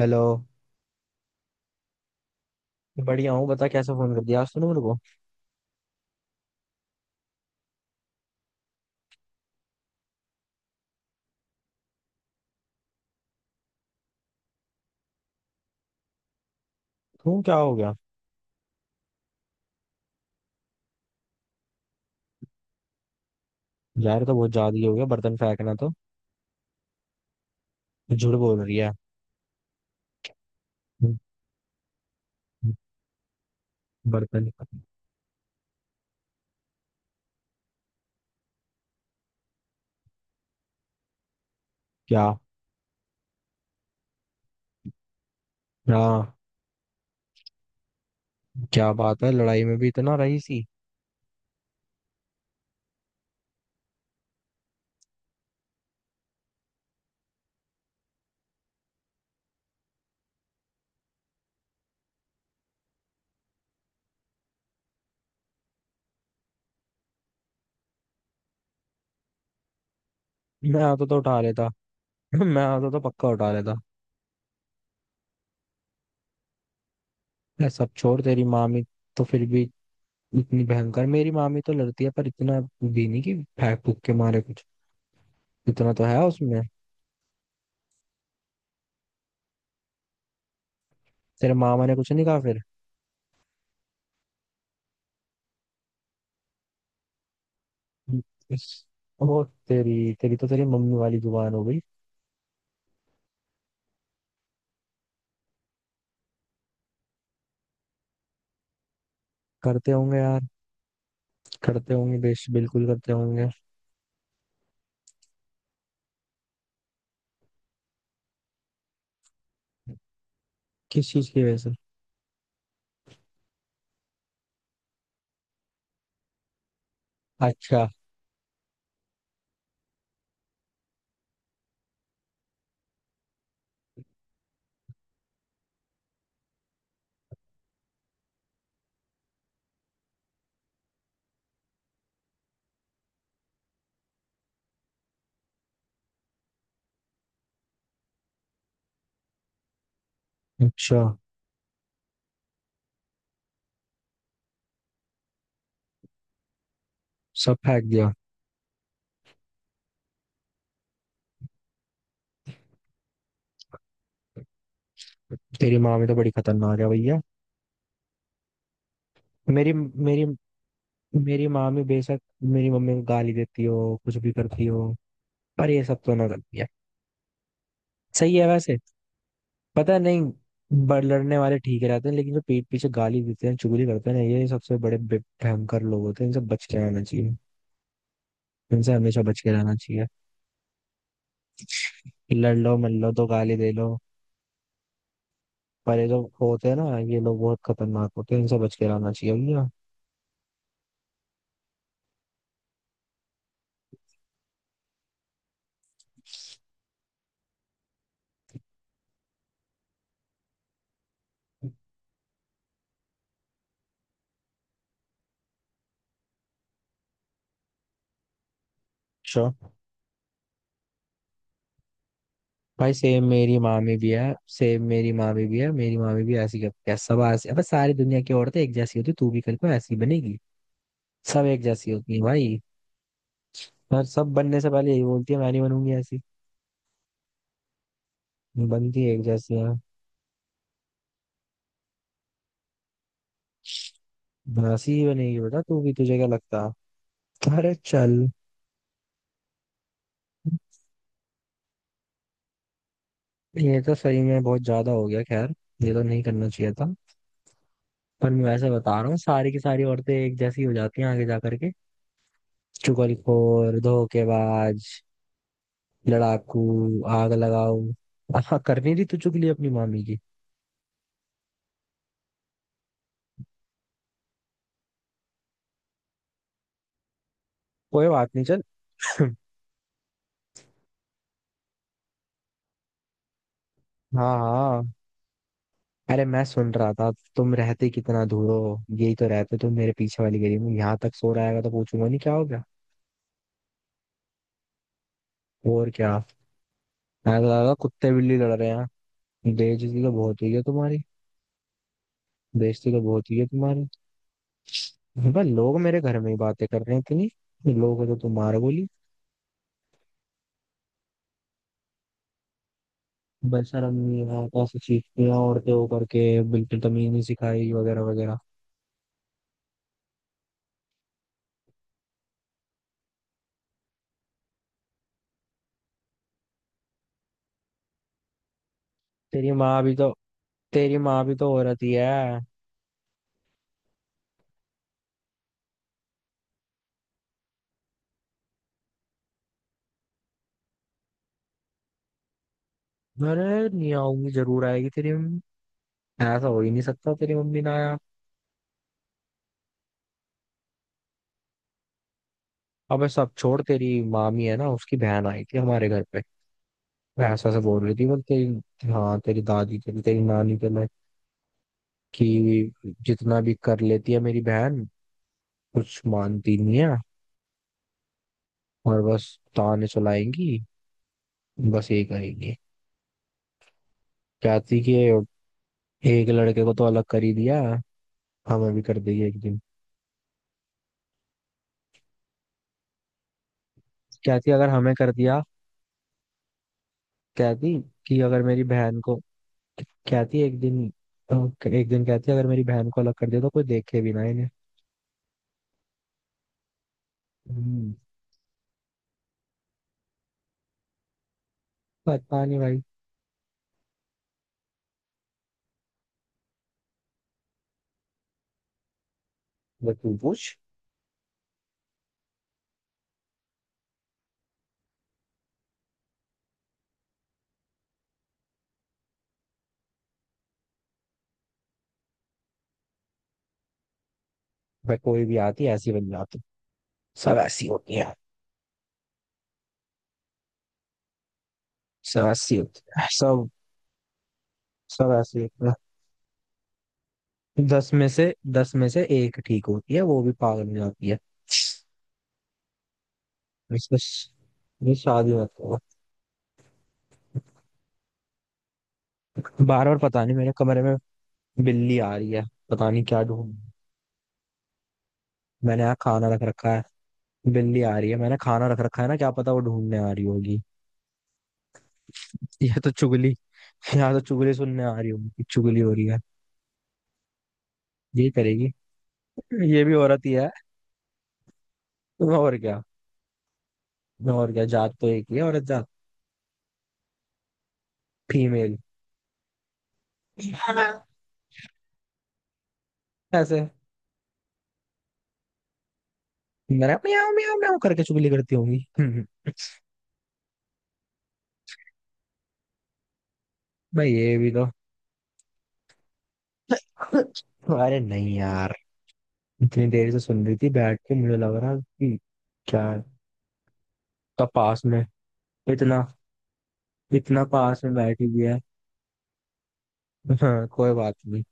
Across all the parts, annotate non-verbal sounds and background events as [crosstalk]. Hello. बढ़िया हूँ, बता कैसे फोन कर दिया आज तूने मेरे को। क्यों, क्या हो गया? यार, ये तो बहुत ज्यादा ही हो गया, बर्तन फेंकना तो। झूठ बोल रही है? बर्तन? क्या? हाँ। क्या बात है, लड़ाई में भी इतना रही सी। मैं आता तो उठा लेता। मैं आता तो पक्का उठा लेता। ये सब छोड़ तेरी मामी तो फिर भी। इतनी भयंकर मेरी मामी तो लड़ती है, पर इतना भी नहीं कि फेंक फूक के मारे कुछ। इतना तो है उसमें। तेरे मामा ने कुछ नहीं कहा फिर? इस- वो, तेरी तेरी तो तेरी मम्मी वाली जुबान हो गई। करते होंगे यार, करते होंगे बेश, बिल्कुल करते होंगे। किस चीज की वजह से? अच्छा। अच्छा। सब फेंक दिया? तेरी माँ भी तो बड़ी खतरनाक है भैया। मेरी मेरी मेरी माँ भी बेशक मेरी मम्मी को गाली देती हो, कुछ भी करती हो, पर ये सब तो ना करती है। सही है वैसे। पता नहीं। बड़ लड़ने वाले ठीक रहते हैं, लेकिन जो पीठ पीछे गाली देते हैं, चुगली करते हैं ना, ये सबसे बड़े भयंकर लोग होते हैं, इनसे बच के रहना चाहिए। इनसे हमेशा बच के रहना चाहिए। लड़ लो मल लो, दो गाली दे लो, पर ये जो होते हैं ना, ये लोग बहुत खतरनाक होते हैं, इनसे बच के रहना चाहिए भैया। श्योर। भाई सेम मेरी मामी भी है। मेरी मामी भी ऐसी करती है। सब ऐसी, अबे सारी दुनिया की औरतें एक जैसी होती, तू भी कल को ऐसी बनेगी। सब एक जैसी होती है भाई। और सब बनने से पहले यही बोलती है मैं नहीं बनूंगी ऐसी। बनती है, एक जैसी है। ऐसी ही बनेगी बेटा तू भी, तुझे क्या लगता। अरे चल। ये तो सही में बहुत ज्यादा हो गया खैर। ये तो नहीं करना चाहिए था। पर मैं वैसे बता रहा हूँ, सारी की सारी औरतें एक जैसी हो जाती हैं आगे जा करके। चुगलखोर, धोखेबाज, लड़ाकू, आग लगाऊ। हाँ, करनी थी तो चुगली अपनी मामी की। कोई बात नहीं, चल। हाँ, हाँ। अरे मैं सुन रहा था। तुम रहते कितना दूर हो, यही तो रहते तुम मेरे पीछे वाली गली में, यहाँ तक सो रहा है तो पूछूंगा नहीं क्या हो गया? और क्या। मैं तो लगा कुत्ते बिल्ली लड़ रहे हैं। बेइज्जती तो बहुत हुई है तुम्हारी। बेइज्जती तो बहुत हुई है तुम्हारी। भाई लोग मेरे घर में ही बातें कर रहे हैं इतनी। लोगों को तो तुम मार बोली? बेशरम नहीं है, कैसे चीखती हैं औरतें होकर के, बिल्कुल तमीज नहीं सिखाई वगैरह वगैरह। तेरी माँ भी तो तेरी माँ भी तो औरत ही है। अरे नहीं आऊंगी, जरूर आएगी तेरी मम्मी। ऐसा हो ही नहीं सकता तेरी मम्मी ना आया। अबे सब छोड़, तेरी मामी है ना, उसकी बहन आई थी हमारे घर पे। वो ऐसा से बोल रही थी, बोल तेरी, हाँ तेरी दादी के लिए तेरी नानी के लिए कि जितना भी कर लेती है मेरी बहन, कुछ मानती नहीं है। और बस ताने चलाएंगी, बस ये करेंगी। कहती कि एक लड़के को तो अलग कर ही दिया, हमें भी कर देगी एक दिन। कहती अगर हमें कर दिया, कहती कि अगर मेरी बहन को, कहती एक दिन, अ, एक दिन कहती अगर मेरी बहन को अलग कर दिया तो कोई देखे भी ना इन्हें। हम्म, पता नहीं भाई। बस तू पूछ। भाई कोई भी आती है, ऐसी बन जाती। सब ऐसी होती है। सब ऐसी होती है सब। सब ऐसी होती है। दस में से एक ठीक होती है, वो भी पागल हो जाती है। इसको ये शादी मत करो। बार बार पता नहीं, मेरे कमरे में बिल्ली आ रही है, पता नहीं क्या ढूंढ। मैंने यहाँ खाना रख रखा है। बिल्ली आ रही है, मैंने खाना रख रखा है ना, क्या पता वो ढूंढने आ रही होगी। [laughs] ये तो चुगली, यहाँ तो चुगली सुनने आ रही होगी, चुगली हो रही है। ये करेगी। ये भी औरत ही है। और क्या। और क्या, जात तो एक ही है, औरत जात। फीमेल। ऐसे, मैंने म्याऊं म्याऊं म्याऊं करके चुगली करती होंगी। [laughs] भाई ये भी तो। [laughs] अरे नहीं यार, इतनी देर से सुन रही थी बैठ के, मुझे लग रहा कि क्या है? तो पास में, इतना इतना पास में बैठी हुई है। हाँ, कोई बात नहीं।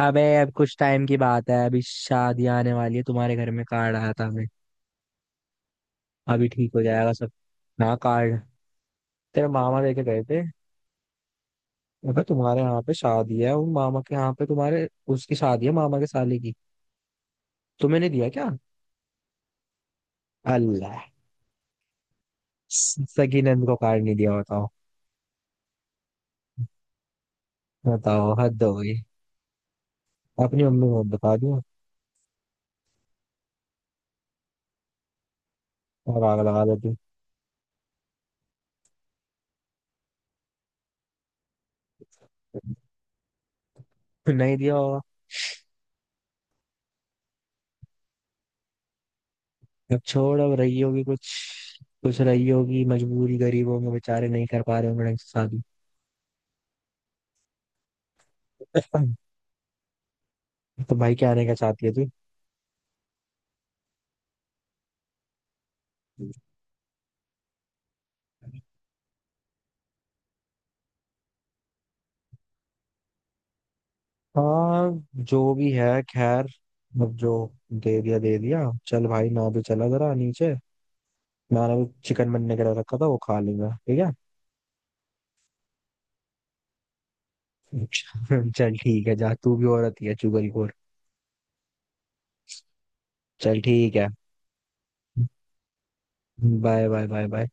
अबे अब कुछ टाइम की बात है, अभी शादी आने वाली है तुम्हारे घर में, कार्ड आया था हमें। अभी ठीक हो जाएगा सब। ना, कार्ड तेरे मामा लेके गए थे। अगर तुम्हारे यहाँ पे शादी है वो मामा के यहाँ पे तुम्हारे, उसकी शादी है मामा के साले की। तुम्हें नहीं दिया क्या? अल्लाह। सगी नंद को कार्ड नहीं दिया, बताओ। बताओ हद हो गई। अपनी मम्मी को बता दिया, और आग लगा देती। नहीं दिया। अब छोड़, अब रही होगी कुछ, कुछ रही होगी मजबूरी, गरीब होंगे बेचारे, नहीं कर पा रहे होंगे ढंग से शादी। [clears throat] [laughs] तो भाई क्या आने का चाहती है तू? हाँ। जो भी है खैर। अब जो दे दिया दे दिया। चल भाई मैं भी चला जरा नीचे, मैंने भी चिकन बनने के लिए रखा था वो खा लूंगा। ठीक है। [laughs] चल ठीक है, जा, तू भी औरत ही है चुगलखोर। चल ठीक है। Bye bye. Bye bye.